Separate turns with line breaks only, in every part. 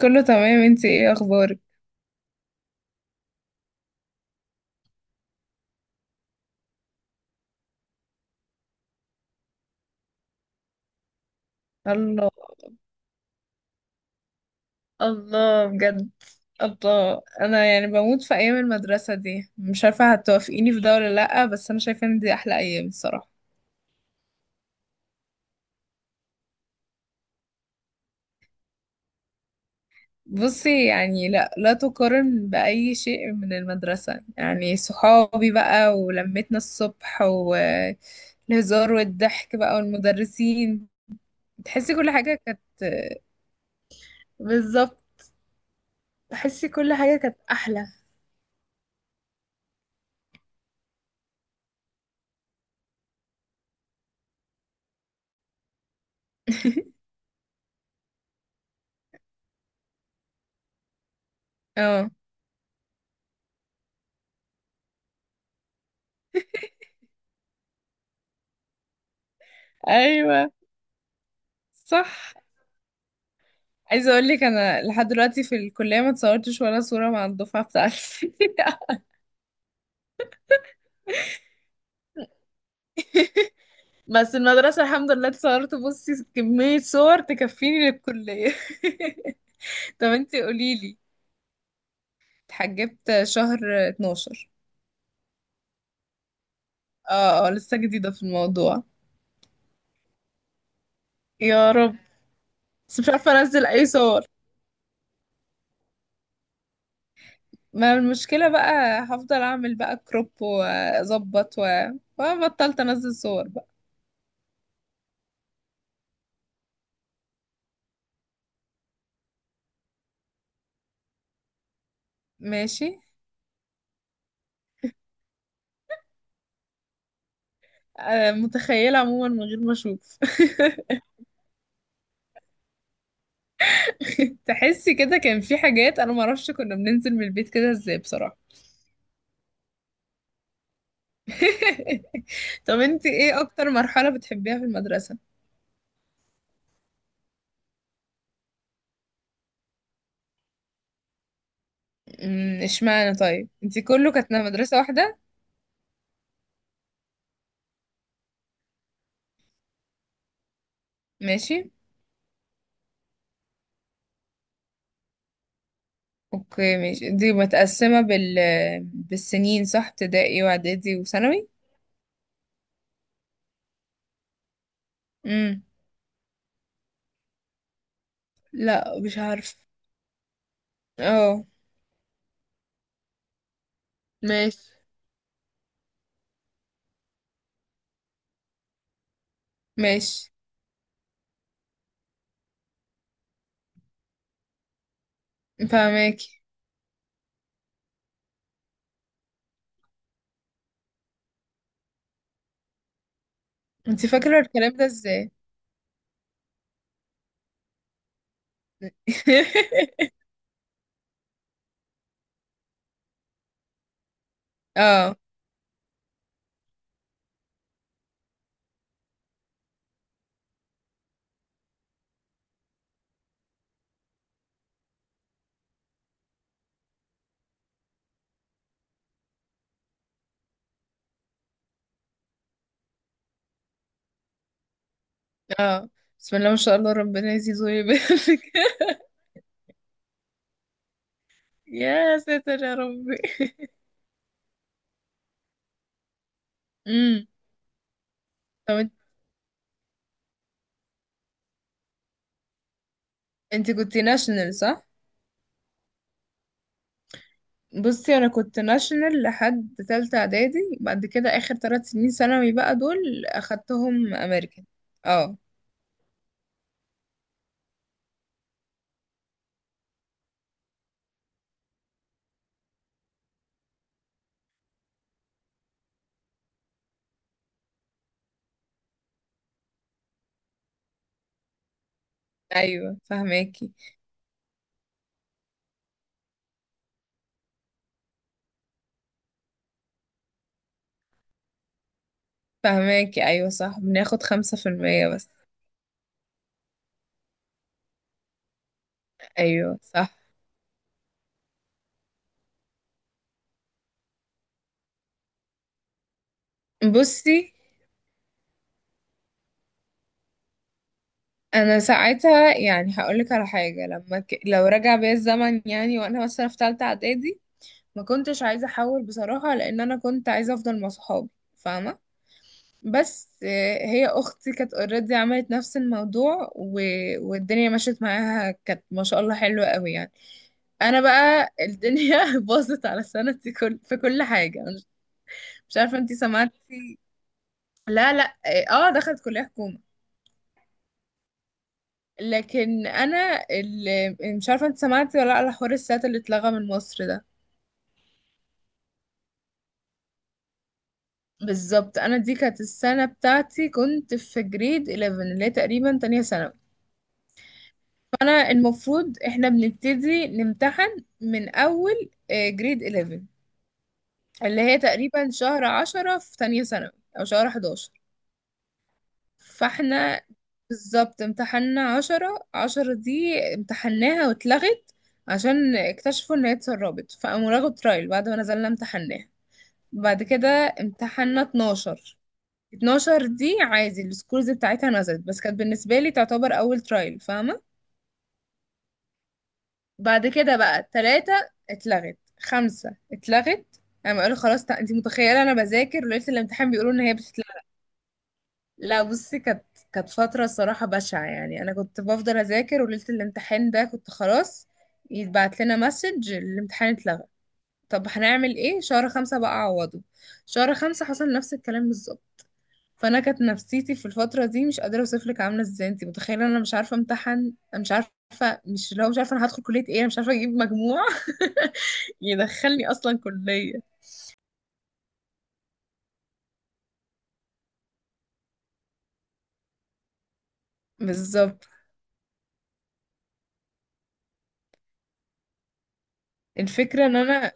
كله تمام. انتي ايه اخبارك؟ الله، الله بجد. الله، انا يعني بموت في ايام المدرسه دي، مش عارفه هتوافقيني في ده ولا لا، بس انا شايفه ان دي احلى ايام الصراحه. بصي يعني، لا لا تقارن باي شيء من المدرسه، يعني صحابي بقى ولمتنا الصبح والهزار والضحك بقى والمدرسين، تحسي كل حاجه كانت. بالظبط. تحسي كل حاجه كانت احلى. اه، ايوه صح. عايزه اقول لك انا لحد دلوقتي في الكليه ما اتصورتش ولا صوره مع الدفعه بتاعتي. بس المدرسه الحمد لله اتصورت، بصي كميه صور تكفيني للكليه. طب انتي قولي لي. اتحجبت شهر 12. اه اه، لسه جديده في الموضوع. يا رب. بس مش عارفه انزل اي صور. ما المشكله بقى، هفضل اعمل بقى كروب واظبط وبطلت انزل صور بقى. ماشي. متخيله عموما من غير ما اشوف. تحسي كده كان في حاجات، انا معرفش كنا بننزل من البيت كده ازاي بصراحة. طب انت ايه اكتر مرحلة بتحبيها في المدرسة؟ اشمعنى؟ طيب انت كله كانت مدرسة واحدة؟ ماشي. اوكي ماشي، دي متقسمة بال، بالسنين صح، ابتدائي واعدادي وثانوي؟ امم لا مش عارفة. اه ماشي. ماشي فاهماكي. انت فاكرة الكلام ده ازاي؟ اه اه. بسم الله ما شاء الله، ربنا يزيده ويبارك. يا ساتر يا ربي. امم طب انت كنت ناشونال صح؟ بصي انا كنت ناشونال لحد تالتة اعدادي، بعد كده اخر ثلاث سنين ثانوي بقى دول اخدتهم امريكان. اه ايوه فهماكي. فهماكي ايوه صح، بناخد 5% بس. ايوه صح. بصي انا ساعتها يعني هقولك على حاجة، لما لو رجع بيا الزمن يعني، وانا مثلا في تالتة اعدادي ما كنتش عايزة احول بصراحة، لان انا كنت عايزة افضل مع صحابي، فاهمة؟ بس هي اختي كانت اوريدي، عملت نفس الموضوع والدنيا مشيت معاها، كانت ما شاء الله حلوة قوي يعني. انا بقى الدنيا باظت على سنتي في كل حاجة مش، عارفة انتي سمعتي. لا لا اه دخلت كلية حكومة. لكن انا اللي مش عارفة انتي سمعتي ولا لا، على حوار السات اللي اتلغى من مصر ده. بالظبط، انا دي كانت السنة بتاعتي، كنت في جريد 11 اللي هي تقريبا تانية ثانوي. انا المفروض احنا بنبتدي نمتحن من اول جريد 11، اللي هي تقريبا شهر 10 في تانية ثانوي، او شهر 11. فاحنا بالظبط امتحنا 10. 10 دي امتحناها واتلغت، عشان اكتشفوا ان هي اتسربت، فقاموا لغوا ترايل بعد ما نزلنا امتحناها. بعد كده امتحنا 12. 12 دي عادي، السكورز بتاعتها نزلت، بس كانت بالنسبة لي تعتبر اول ترايل، فاهمة؟ بعد كده بقى ثلاثة اتلغت، خمسة اتلغت. انا قالوا خلاص، انت متخيلة انا بذاكر وليلة الامتحان بيقولوا ان هي بتتلغى. لا بصي، كانت فترة الصراحة بشعة، يعني انا كنت بفضل اذاكر وليلة الامتحان ده كنت خلاص، يتبعت لنا مسج الامتحان اتلغى. طب هنعمل ايه، شهر خمسة بقى عوضه، شهر خمسة حصل نفس الكلام بالظبط. فانا كانت نفسيتي في الفترة دي مش قادرة اوصف لك عاملة ازاي، انت متخيلة انا مش عارفة امتحن، انا مش عارفة، مش اللي هو، مش عارفة انا هدخل كلية ايه، انا مش عارفة اجيب مجموع يدخلني اصلا كلية. بالظبط. الفكرة ان انا،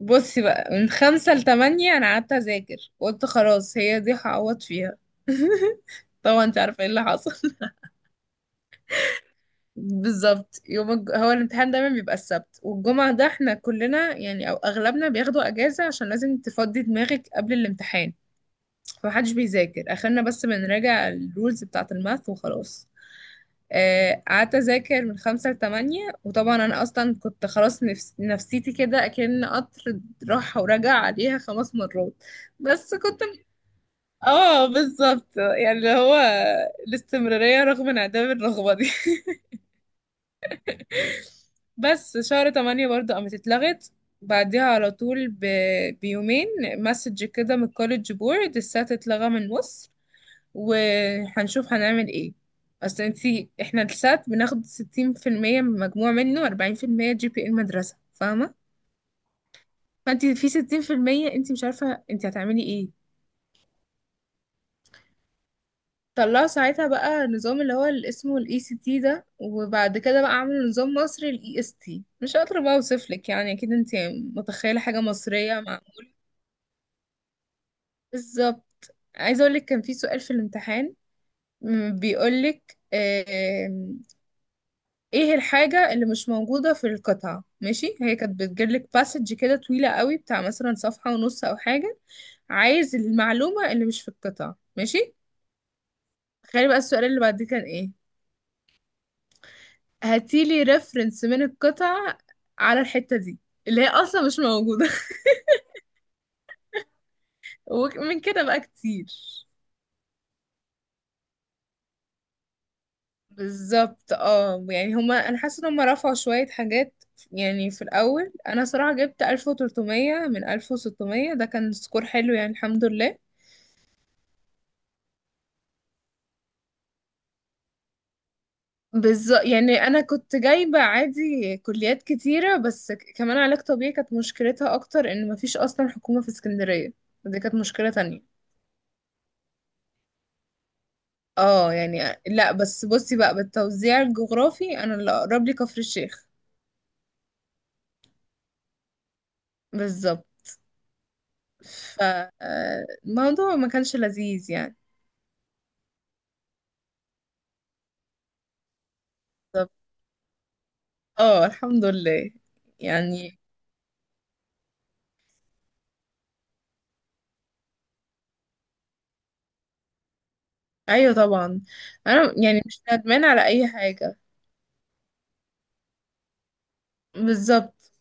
بصي بقى من خمسة لتمانية انا قعدت اذاكر وقلت خلاص هي دي هعوض فيها. طبعا انت عارفة ايه اللي حصل. بالظبط، يوم هو الامتحان دايما بيبقى السبت والجمعة ده، احنا كلنا يعني او اغلبنا بياخدوا اجازة عشان لازم تفضي دماغك قبل الامتحان، فمحدش بيذاكر اخرنا، بس بنراجع الرولز بتاعة الماث وخلاص. قعدت اذاكر من خمسة لتمانية، وطبعا انا اصلا كنت خلاص نفسيتي كده اكن قطر راح ورجع عليها خمس مرات. بس كنت، اه بالظبط، يعني اللي هو الاستمرارية رغم انعدام الرغبة دي. بس شهر تمانية برضو قامت اتلغت، بعديها على طول بيومين مسج كده من الكوليدج بورد، السات اتلغى من النص، وهنشوف هنعمل ايه. اصل انتي احنا السات بناخد 60% من مجموع منه، واربعين في المية جي بي اي المدرسة، فاهمة؟ فانتي في 60% انتي مش عارفة انتي هتعملي ايه. طلعوا ساعتها بقى نظام اللي هو اللي اسمه الاي سي تي ده، وبعد كده بقى عملوا نظام مصري الاي اس تي، مش هقدر بقى اوصف لك يعني، اكيد انتي متخيلة حاجة مصرية مع. بالظبط، عايزة اقول لك كان في سؤال في الامتحان بيقول لك ايه الحاجة اللي مش موجودة في القطعة، ماشي؟ هي كانت بتجيلك باسج كده طويلة قوي، بتاع مثلا صفحة ونص او حاجة، عايز المعلومة اللي مش في القطعة، ماشي؟ تخيلي بقى السؤال اللي بعد دي كان ايه، هاتيلي ريفرنس من القطعة على الحتة دي، اللي هي اصلا مش موجودة. ومن كده بقى كتير. بالظبط، اه يعني هما، انا حاسة ان هما رفعوا شوية حاجات، يعني في الاول انا صراحة جبت 1300 من 1600 ده كان سكور حلو يعني الحمد لله. بالظبط، يعني انا كنت جايبه عادي كليات كتيره، بس كمان علاج طبيعي كانت مشكلتها اكتر ان مفيش اصلا حكومه في اسكندريه، دي كانت مشكله تانية. اه يعني لا، بس بصي بقى بالتوزيع الجغرافي انا اللي اقرب لي كفر الشيخ. بالظبط. فالموضوع ما كانش لذيذ يعني. بالظبط. اه الحمد لله يعني. ايوه طبعا. انا يعني مش ندمان على اي حاجه. بالظبط،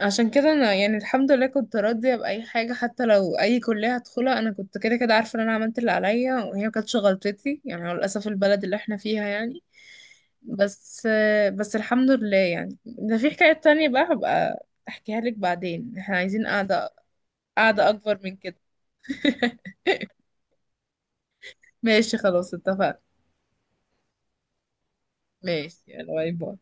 عشان كده انا يعني الحمد لله كنت راضيه باي حاجه، حتى لو اي كليه هدخلها، انا كنت كده كده عارفه ان انا عملت اللي عليا، وهي ما كانتش غلطتي يعني، هو للاسف البلد اللي احنا فيها يعني. بس، بس الحمد لله يعني، ده في حكايه تانية بقى هبقى احكيها لك بعدين، احنا عايزين قاعده، قاعده اكبر من كده. ماشي خلاص اتفقنا. ماشي، يلا باي باي.